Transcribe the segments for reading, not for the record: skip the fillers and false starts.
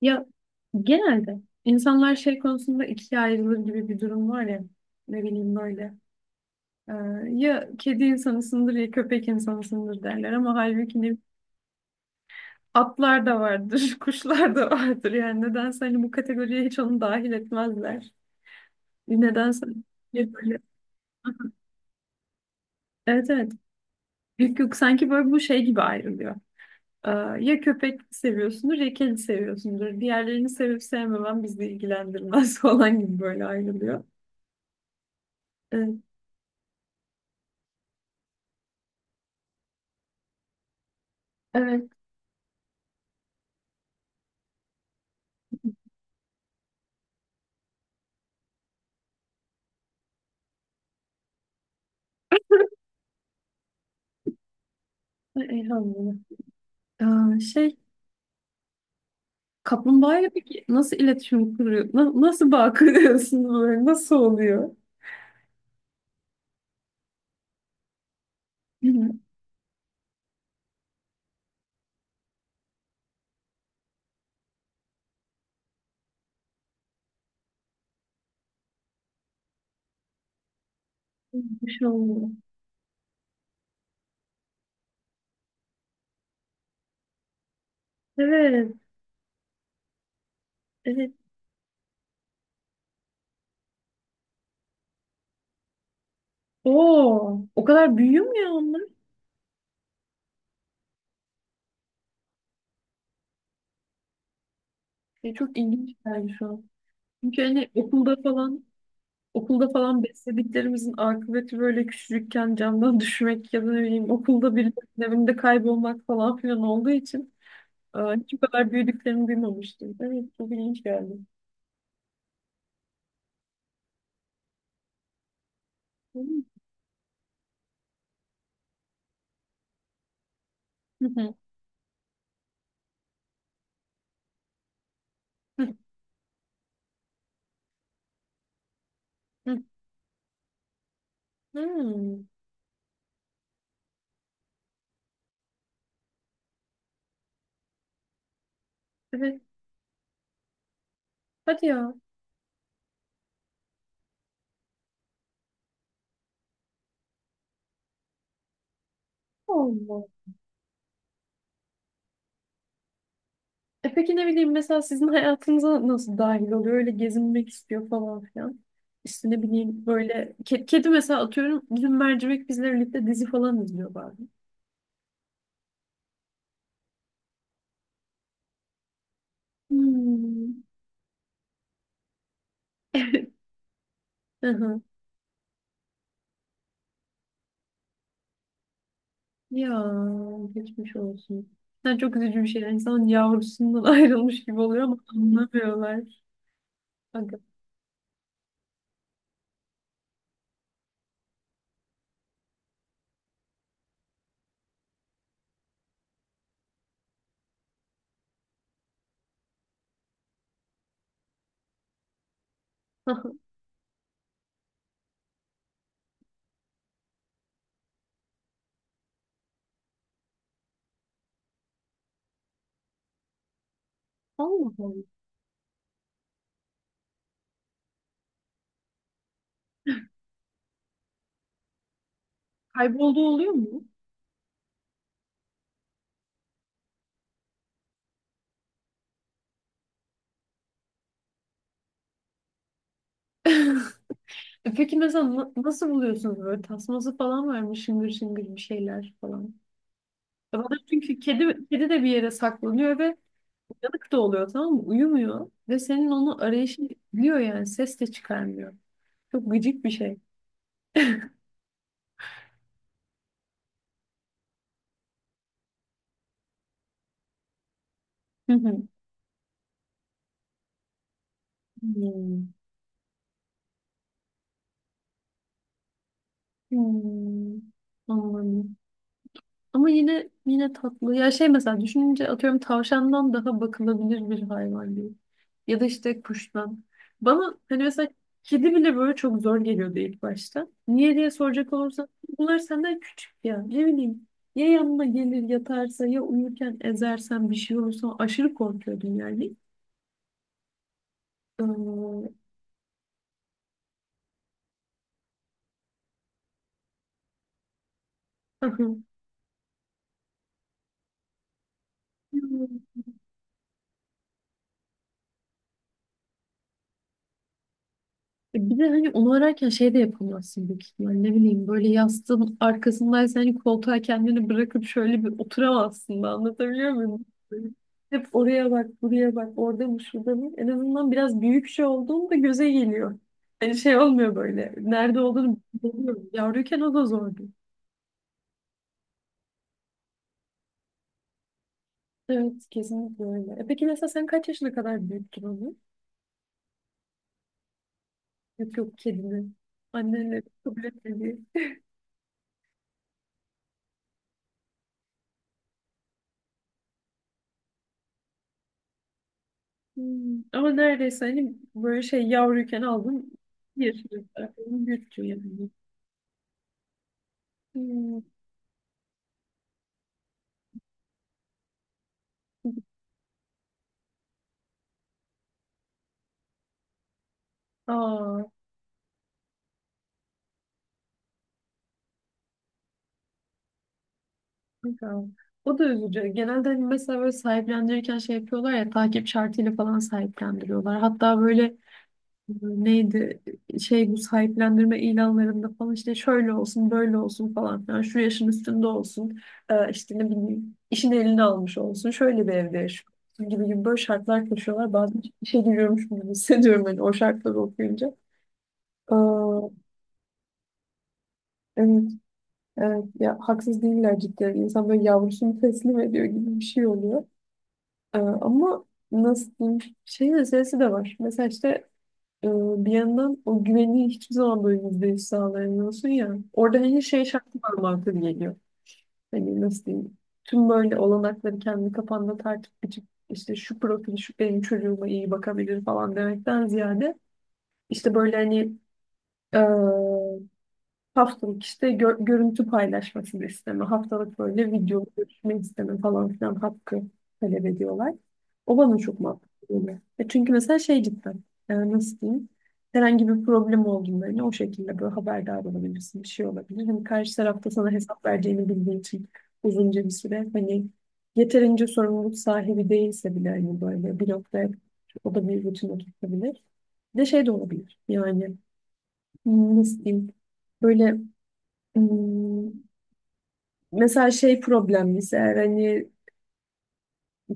Ya, genelde insanlar şey konusunda ikiye ayrılır gibi bir durum var ya, ne bileyim böyle e, ya kedi insanısındır ya köpek insanısındır derler, ama halbuki ne, atlar da vardır kuşlar da vardır. Yani nedense hani bu kategoriye hiç onu dahil etmezler. Nedense. Ya böyle. Evet, evet. Yok, yok, sanki böyle bu şey gibi ayrılıyor. Ee, ya köpek seviyorsundur ya kedi seviyorsundur. Diğerlerini sevip sevmemen bizi ilgilendirmez falan gibi böyle ayrılıyor. Evet. Evet. Ay, Elhamdülillah. Aa, şey, kaplumbağayla peki nasıl iletişim kuruyor? Nasıl bağ kuruyorsunuz böyle? Nasıl oluyor? Bilmiyorum. Bir şey olmuyor. Evet, evet. Oo, o kadar büyüyor mu ya onlar? Çok ilginç geldi şu an. Çünkü hani okulda falan beslediklerimizin akıbeti böyle küçücükken camdan düşmek ya da ne bileyim okulda birilerinin evinde kaybolmak falan filan olduğu için hiç bu kadar büyüdüklerini duymamıştım. Evet, çok ilginç geldi. Hı hı. Hı hı. Hmm, evet. Hadi ya. Allah. E peki, ne bileyim, mesela sizin hayatınıza nasıl dahil oluyor? Öyle gezinmek istiyor falan filan. İşte ne bileyim böyle kedi, mesela atıyorum, dün Mercimek bizle birlikte dizi falan izliyor bazen. Hmm. Hı hı. Ya, geçmiş olsun. Sen, çok üzücü bir şey. Yani İnsanın yavrusundan ayrılmış gibi oluyor ama anlamıyorlar. Aga. Allah Allah. Kaybolduğu oluyor mu? E peki, mesela nasıl buluyorsunuz böyle, tasması falan var mı, şıngır şıngır bir şeyler falan? Ya, bana çünkü kedi kedi de bir yere saklanıyor ve uyanık da oluyor, tamam mı? Uyumuyor ve senin onu arayışın biliyor yani, ses de çıkarmıyor. Çok gıcık bir şey. Hı hı. Hmm. Hmm. Anladım. Ama yine tatlı. Ya şey, mesela düşününce, atıyorum tavşandan daha bakılabilir bir hayvan değil. Ya da işte kuştan. Bana hani mesela kedi bile böyle çok zor geliyordu ilk başta. Niye diye soracak olursan, bunlar senden küçük ya. Ne bileyim, ya yanına gelir yatarsa, ya uyurken ezersen bir şey olursa aşırı korkuyordum yani. Ee, Bir de hani onu ararken şey de yapamazsın büyük ihtimalle. Ne bileyim, böyle yastığın arkasındaysa hani koltuğa kendini bırakıp şöyle bir oturamazsın da, anlatabiliyor muyum? Hep oraya bak, buraya bak, orada mı, şurada mı? En azından biraz büyük şey olduğunda göze geliyor. Hani şey olmuyor böyle. Nerede olduğunu bilmiyorum. Yavruyken o da zordu. Evet, kesinlikle öyle. E peki, mesela sen kaç yaşına kadar büyüttün onu? Yok, yok, kedini. Annenle kabul etmedi. Hmm. Ama neredeyse hani böyle şey, yavruyken aldım. Bir aklımı büyüttü yani. Hmm. Aa, güzel. O da üzücü. Genelde hani mesela böyle sahiplendirirken şey yapıyorlar ya, takip şartıyla falan sahiplendiriyorlar. Hatta böyle neydi şey, bu sahiplendirme ilanlarında falan işte şöyle olsun böyle olsun falan filan, şu yaşın üstünde olsun, işte ne bileyim, işin eline almış olsun, şöyle bir evde yaşıyor olsun gibi gibi böyle şartlar koşuyorlar. Bazen işe giriyormuş gibi hissediyorum, hani o şartları okuyunca. Ee, evet, evet ya, haksız değiller cidden. İnsan böyle yavrusunu teslim ediyor gibi bir şey oluyor. Ama nasıl diyeyim, şeyin meselesi de var mesela işte. Ee, Bir yandan o güveni hiçbir zaman böyle %100 sağlayamıyorsun ya. Orada hani şey şartı var mantığı geliyor. Hani nasıl diyeyim? Tüm böyle olanakları kendi kafanda tartıp biçip, işte şu profil şu benim çocuğuma iyi bakabilir falan demekten ziyade, işte böyle hani, haftalık işte görüntü paylaşmasını isteme, haftalık böyle video görüşme isteme falan filan hakkı talep ediyorlar. O bana çok mantıklı geliyor. E çünkü mesela şey cidden, nasıl diyeyim, herhangi bir problem olduğunda hani o şekilde böyle haberdar olabilirsin, bir şey olabilir. Hani karşı tarafta sana hesap vereceğini bildiğin için uzunca bir süre hani, yeterince sorumluluk sahibi değilse bile hani böyle bir noktaya o da bir rutin oturtabilir. Bir de şey de olabilir yani, nasıl diyeyim, böyle, Hmm, mesela şey problemliyse eğer, hani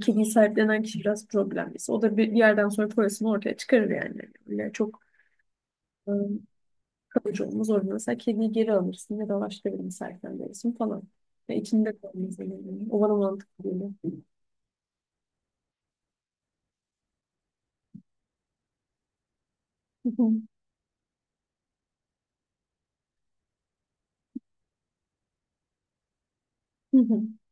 kediyi sahiplenen kişi biraz problemliyse, o da bir yerden sonra parasını ortaya çıkarır yani. Öyle çok ıı, kalıcı olmaz orada. Mesela kediyi geri alırsın ya da başka birini sahiplendirirsin falan. Ya içinde kalmaz öyle yani. O bana mantıklı geliyor.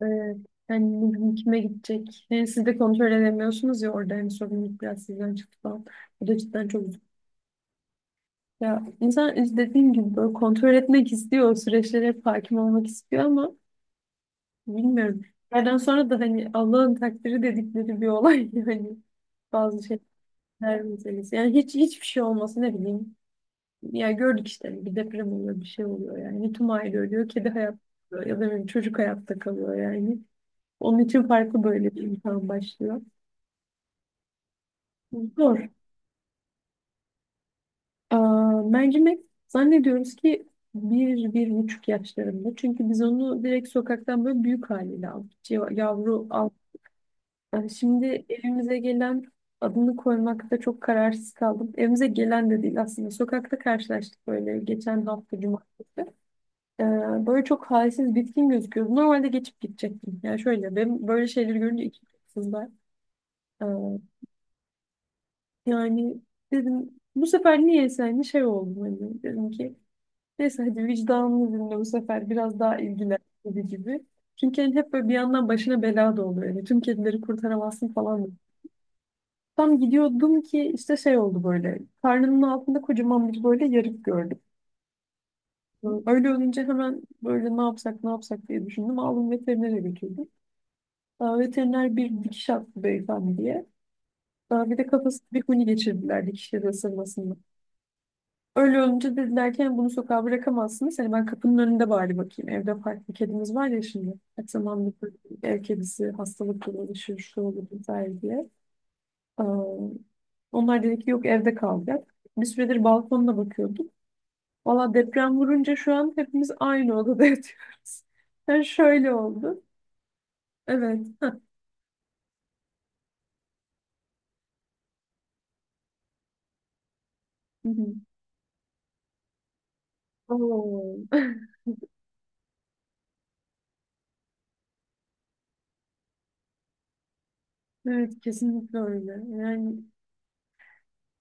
Evet. Yani ne bileyim, kime gidecek? Yani siz de kontrol edemiyorsunuz ya, orada hani sorumluluk biraz sizden çıktı falan. Bu da cidden çok. Ya insan, işte dediğim gibi, böyle kontrol etmek istiyor, o süreçlere hep hakim olmak istiyor ama bilmiyorum. Yerden sonra da hani Allah'ın takdiri dedikleri bir olay yani, bazı şeyler meselesi. Yani hiç hiçbir şey olması ne bileyim. Ya, gördük işte, bir deprem oluyor, bir şey oluyor yani. Bir tüm aile ölüyor, kedi hayatta kalıyor ya da bir çocuk hayatta kalıyor yani. Onun için farklı böyle bir imtihan başlıyor. Zor. Aa, Mercimek zannediyoruz ki 1,5 yaşlarında. Çünkü biz onu direkt sokaktan böyle büyük haliyle aldık. Yavru al. Yani şimdi evimize gelen, adını koymakta çok kararsız kaldım. Evimize gelen de değil aslında. Sokakta karşılaştık böyle geçen hafta cumartesi. Ee, Böyle çok halsiz bitkin gözüküyordu. Normalde geçip gidecektim. Yani şöyle, ben böyle şeyleri görünce iki kızlar. Ee, yani dedim bu sefer, niyeyse hani şey oldu, hani dedim ki neyse hadi vicdanını dinle bu sefer biraz daha ilgilen gibi gibi. Çünkü hani hep böyle bir yandan başına bela da oluyor. Yani tüm kedileri kurtaramazsın falan. Tam gidiyordum ki işte şey oldu böyle. Karnının altında kocaman bir böyle yarık gördüm. Öyle olunca hemen böyle, ne yapsak ne yapsak diye düşündüm. Aldım, veterinere götürdüm. Aa, veteriner bir dikiş attı beyefendiye. Aa, bir de kafası bir huni geçirdiler dikişleri ısırmasından. Öyle olunca dediler ki, "Yani bunu sokağa bırakamazsınız." Hani ben kapının önünde bari bakayım. Evde farklı kedimiz var ya şimdi. Her zaman bir ev kedisi hastalıkla uğraşır, şu olur vesaire diye. Ee, onlar dedi ki yok, evde kalacak. Bir süredir balkonda bakıyorduk. Valla deprem vurunca şu an hepimiz aynı odada yatıyoruz. Yani şöyle oldu. Evet. Hah. Hı hı. Oo. Evet, kesinlikle öyle. Yani,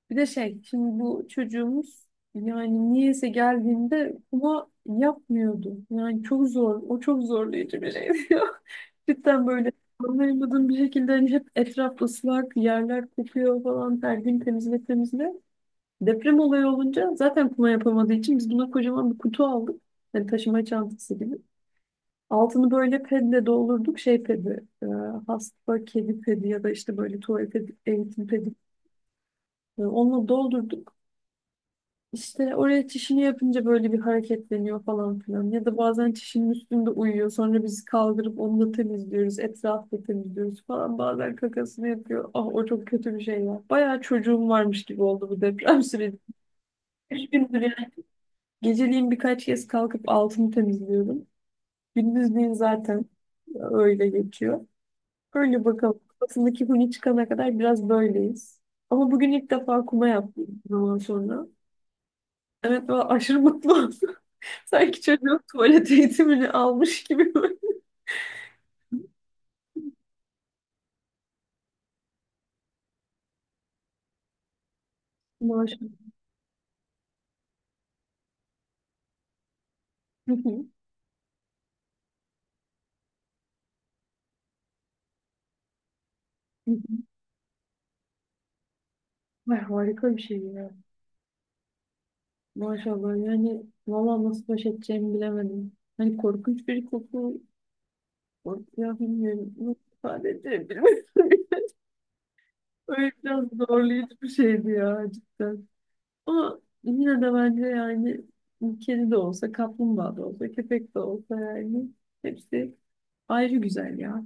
bir de şey, şimdi bu çocuğumuz yani niyeyse geldiğinde kuma yapmıyordu. Yani çok zor. O çok zorlayıcı bir şeydi ya. Cidden böyle anlayamadığım bir şekilde hani hep etraf ıslak, yerler kokuyor falan, her gün temizle temizle. Deprem olayı olunca zaten kuma yapamadığı için biz buna kocaman bir kutu aldık. Hani taşıma çantası gibi. Altını böyle pedle doldurduk. Şey pedi, hasta kedi pedi ya da işte böyle tuvalet pedi, eğitim pedi. Onunla doldurduk. İşte oraya çişini yapınca böyle bir hareketleniyor falan filan. Ya da bazen çişinin üstünde uyuyor. Sonra biz kaldırıp onu da temizliyoruz. Etrafı da temizliyoruz falan. Bazen kakasını yapıyor. Ah, o çok kötü bir şey ya. Bayağı çocuğum varmış gibi oldu bu deprem süreci. 3 gündür yani. Geceliğin birkaç kez kalkıp altını temizliyorum. Gündüzliğin zaten öyle geçiyor. Öyle bakalım. Kafasındaki huni çıkana kadar biraz böyleyiz. Ama bugün ilk defa kuma yaptım zaman sonra. Evet, ben aşırı mutlu oldum. Sanki çocuğun tuvalet eğitimini almış gibi böyle. Maşallah. Hı hı, hı hı. Ay, harika bir şey ya. Maşallah yani, valla nasıl baş edeceğimi bilemedim. Hani korkunç bir koku. Ya bilmiyorum, nasıl ifade edebilirim? Öyle biraz zorlayıcı bir şeydi ya cidden. Ama yine de bence yani, kedi de olsa, kaplumbağa da olsa, köpek de olsa yani hepsi ayrı güzel ya.